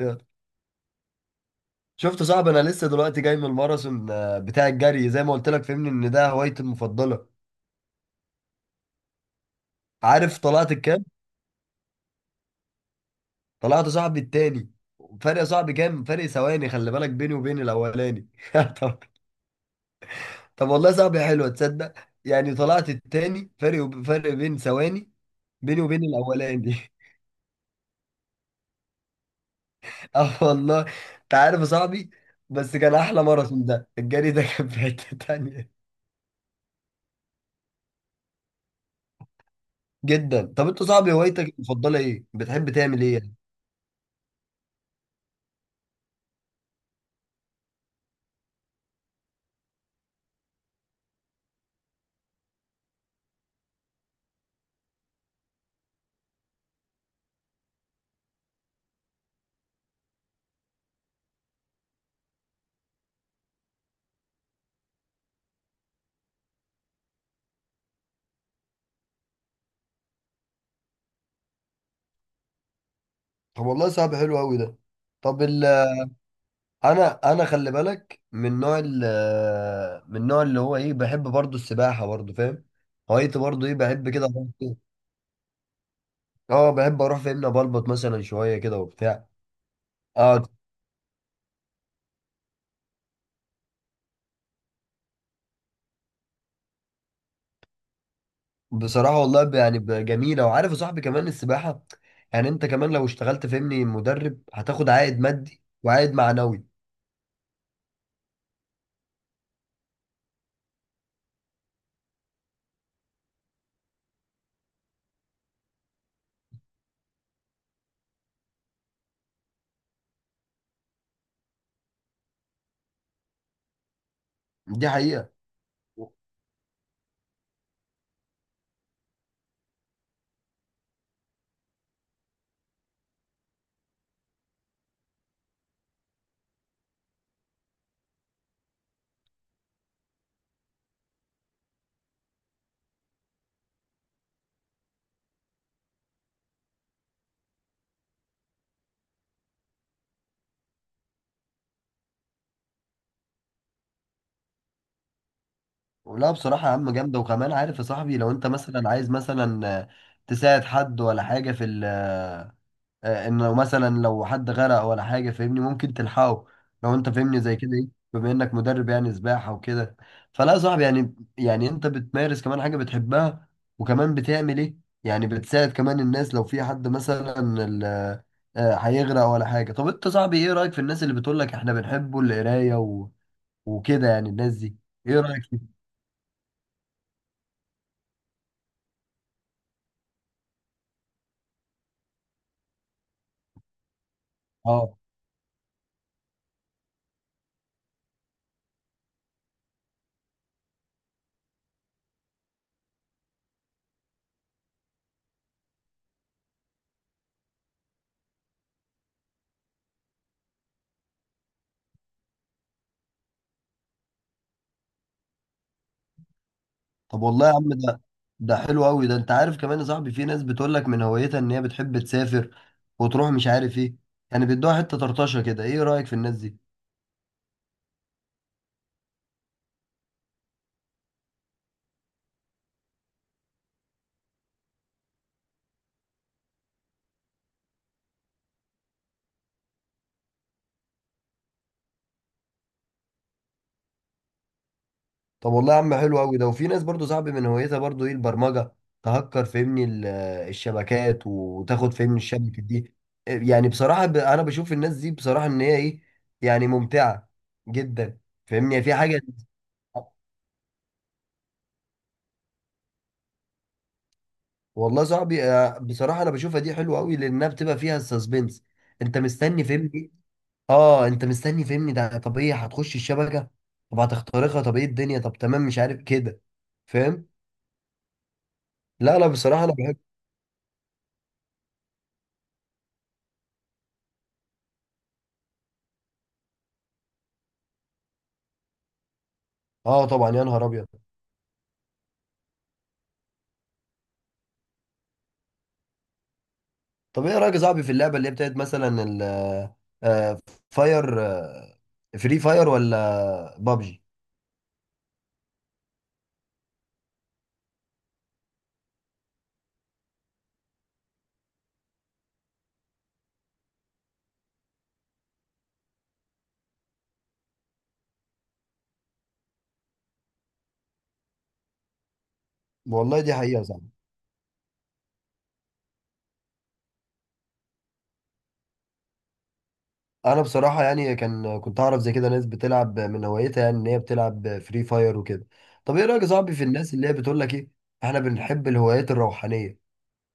يلا. شفت صعب انا لسه دلوقتي جاي من الماراثون بتاع الجري زي ما قلت لك فهمني ان ده هوايتي المفضله. عارف طلعت الكام؟ طلعت يا صاحبي التاني، فرق يا صاحبي، كام فرق ثواني خلي بالك بيني وبين الاولاني. طب. طب والله يا صاحبي حلوه تصدق، يعني طلعت التاني، فرق بين ثواني بيني وبين الاولاني. اه والله. انت عارف يا صاحبي، بس كان احلى ماراثون، ده الجري ده كان في حته تانيه. جدا. طب انت يا صاحبي هوايتك المفضله ايه؟ بتحب تعمل ايه؟ طب والله صعب، حلو قوي ده. طب ال انا خلي بالك من نوع من النوع اللي هو ايه، بحب برضو السباحه برضو فاهم. هوايتي برضو ايه، بحب كده فين؟ اه بحب اروح فاهمني بلبط مثلا شويه كده وبتاع. اه بصراحه والله جميله. وعارف يا صاحبي كمان السباحه، يعني انت كمان لو اشتغلت فاهمني مدرب هتاخد عائد مادي وعائد معنوي. دي حقيقه. لا بصراحه يا عم جامده. وكمان عارف يا صاحبي لو انت مثلا عايز مثلا تساعد حد ولا حاجه في انه مثلا لو حد غرق ولا حاجه فاهمني ممكن تلحقه لو انت فاهمني زي كده ايه، بما انك مدرب يعني سباحه وكده. فلا يا صاحبي، يعني انت بتمارس كمان حاجه بتحبها، وكمان بتعمل ايه، يعني بتساعد كمان الناس لو في حد مثلا ال- هيغرق ولا حاجه. طب انت صاحبي، ايه رايك في الناس اللي بتقول لك احنا بنحبوا القرايه وكده، يعني الناس دي ايه رايك فيه؟ طب والله يا عم ده، ده حلو قوي ده. انت عارف كمان يا صاحبي في ناس بتقول لك من هوايتها ان هي بتحب تسافر وتروح مش عارف ايه، يعني بيدوها حته طرطشه كده، ايه رايك في الناس دي؟ طب والله يا عم حلو قوي ده. وفي ناس برضو صاحبي من هوايتها برضو ايه، البرمجه، تهكر فهمني الشبكات وتاخد فهمني الشبكه دي. يعني بصراحه انا بشوف الناس دي بصراحه ان هي ايه، يعني ممتعه جدا فاهمني في حاجه. والله صاحبي بصراحه انا بشوفها دي حلوه قوي لانها بتبقى فيها السسبنس، انت مستني فهمني. اه انت مستني فهمني ده، طب ايه، هتخش الشبكه، طب هتخترقها، طب ايه الدنيا، طب تمام مش عارف كده. فاهم. لا بصراحه انا بحب. اه طبعا يا نهار ابيض. طب ايه رايك يا صاحبي في اللعبه اللي هي بتاعت مثلا آه، فاير آه، فري فاير ولا بابجي؟ والله دي حقيقه صعبة. انا بصراحه يعني كنت اعرف زي كده ناس بتلعب من هوايتها، يعني ان هي بتلعب فري فاير وكده. طب ايه رايك يا صاحبي في الناس اللي هي بتقول لك ايه، احنا بنحب الهوايات الروحانيه؟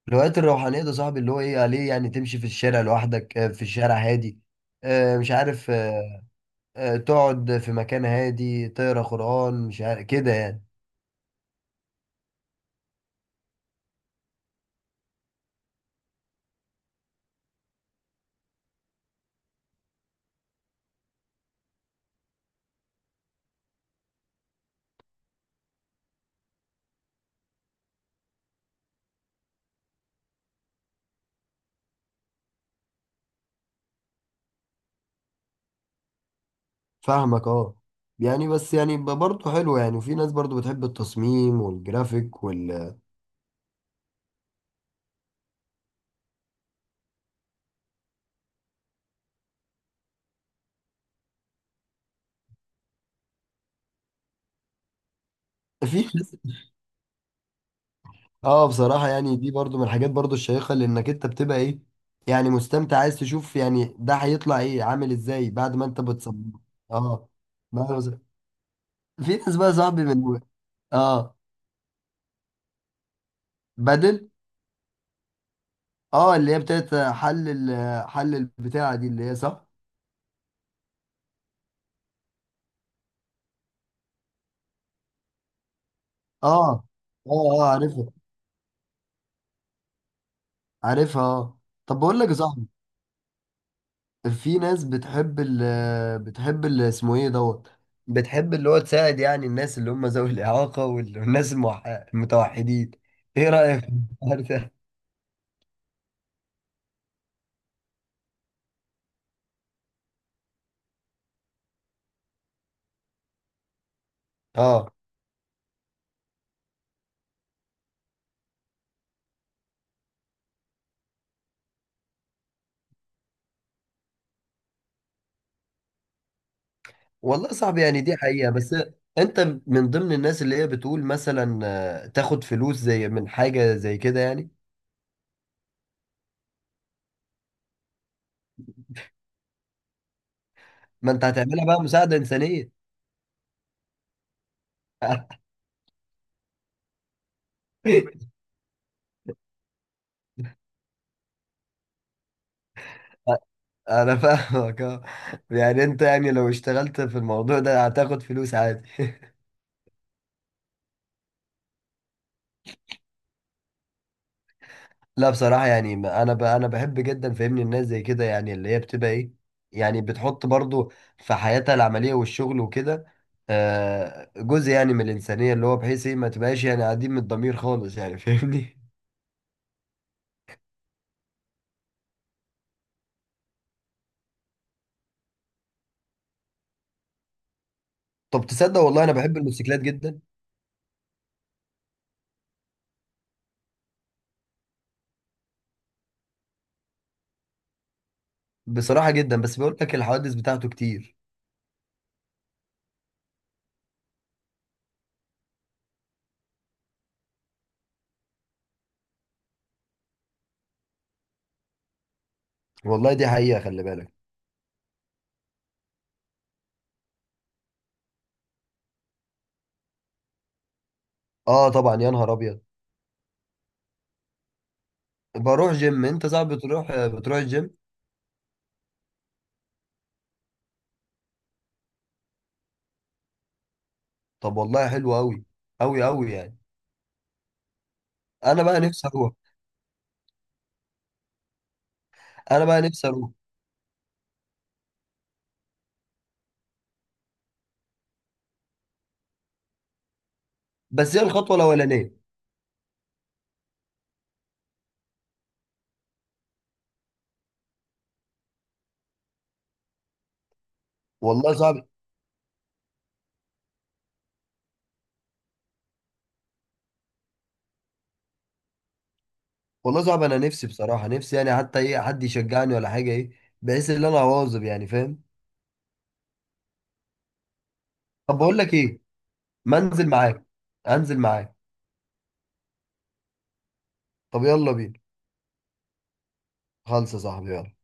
الهوايات الروحانية ده صاحبي اللي هو ايه عليه، يعني تمشي في الشارع لوحدك في الشارع هادي، مش عارف، تقعد في مكان هادي تقرا قرآن مش عارف كده يعني. فاهمك اه. يعني بس يعني برضه حلو يعني. وفي ناس برضه بتحب التصميم والجرافيك في ناس، اه بصراحة يعني دي برضه من الحاجات برضه الشيقة، لانك انت بتبقى ايه، يعني مستمتع، عايز تشوف يعني ده هيطلع ايه، عامل ازاي بعد ما انت بتصمم. اه. ما- أنا بص- في ناس بقى صاحبي من، اه بدل، اه اللي هي بتاعت حل حل البتاعة دي اللي هي صح؟ اه. اه اه عارفها، عارفها اه. طب بقول لك يا صاحبي، في ناس بتحب بتحب ال اسمه ايه دوت، بتحب اللي هو تساعد يعني الناس اللي هم ذوي الإعاقة والناس المتوحدين. ايه رأيك في الحوار ده؟ اه والله صعب يعني، دي حقيقة. بس انت من ضمن الناس اللي هي بتقول مثلا تاخد فلوس زي من حاجة زي كده يعني؟ ما انت هتعملها بقى مساعدة إنسانية. انا فاهمك اه. يعني انت يعني لو اشتغلت في الموضوع ده هتاخد فلوس عادي. لا بصراحة يعني، انا بحب جدا فاهمني الناس زي كده، يعني اللي هي بتبقى ايه، يعني بتحط برضو في حياتها العملية والشغل وكده جزء يعني من الإنسانية، اللي هو بحيث ايه ما تبقاش يعني قاعدين من الضمير خالص يعني فاهمني. طب تصدق والله انا بحب الموتوسيكلات جدا. بصراحة جدا، بس بقول لك الحوادث بتاعته كتير. والله دي حقيقة، خلي بالك. اه طبعا يا نهار ابيض. بروح جيم. انت صعب، بتروح، بتروح الجيم؟ طب والله حلو قوي، قوي قوي يعني. انا بقى نفسي اروح. انا بقى نفسي اروح. بس هي الخطوه الاولانيه. والله صعب. والله صعب، انا نفسي بصراحه، نفسي يعني حتى ايه حد يشجعني ولا حاجه، ايه، بحيث ان انا اواظب يعني فاهم. طب بقول لك ايه، ما انزل معاك، انزل معاك. طب يلا بينا. خلص يا صاحبي يلا.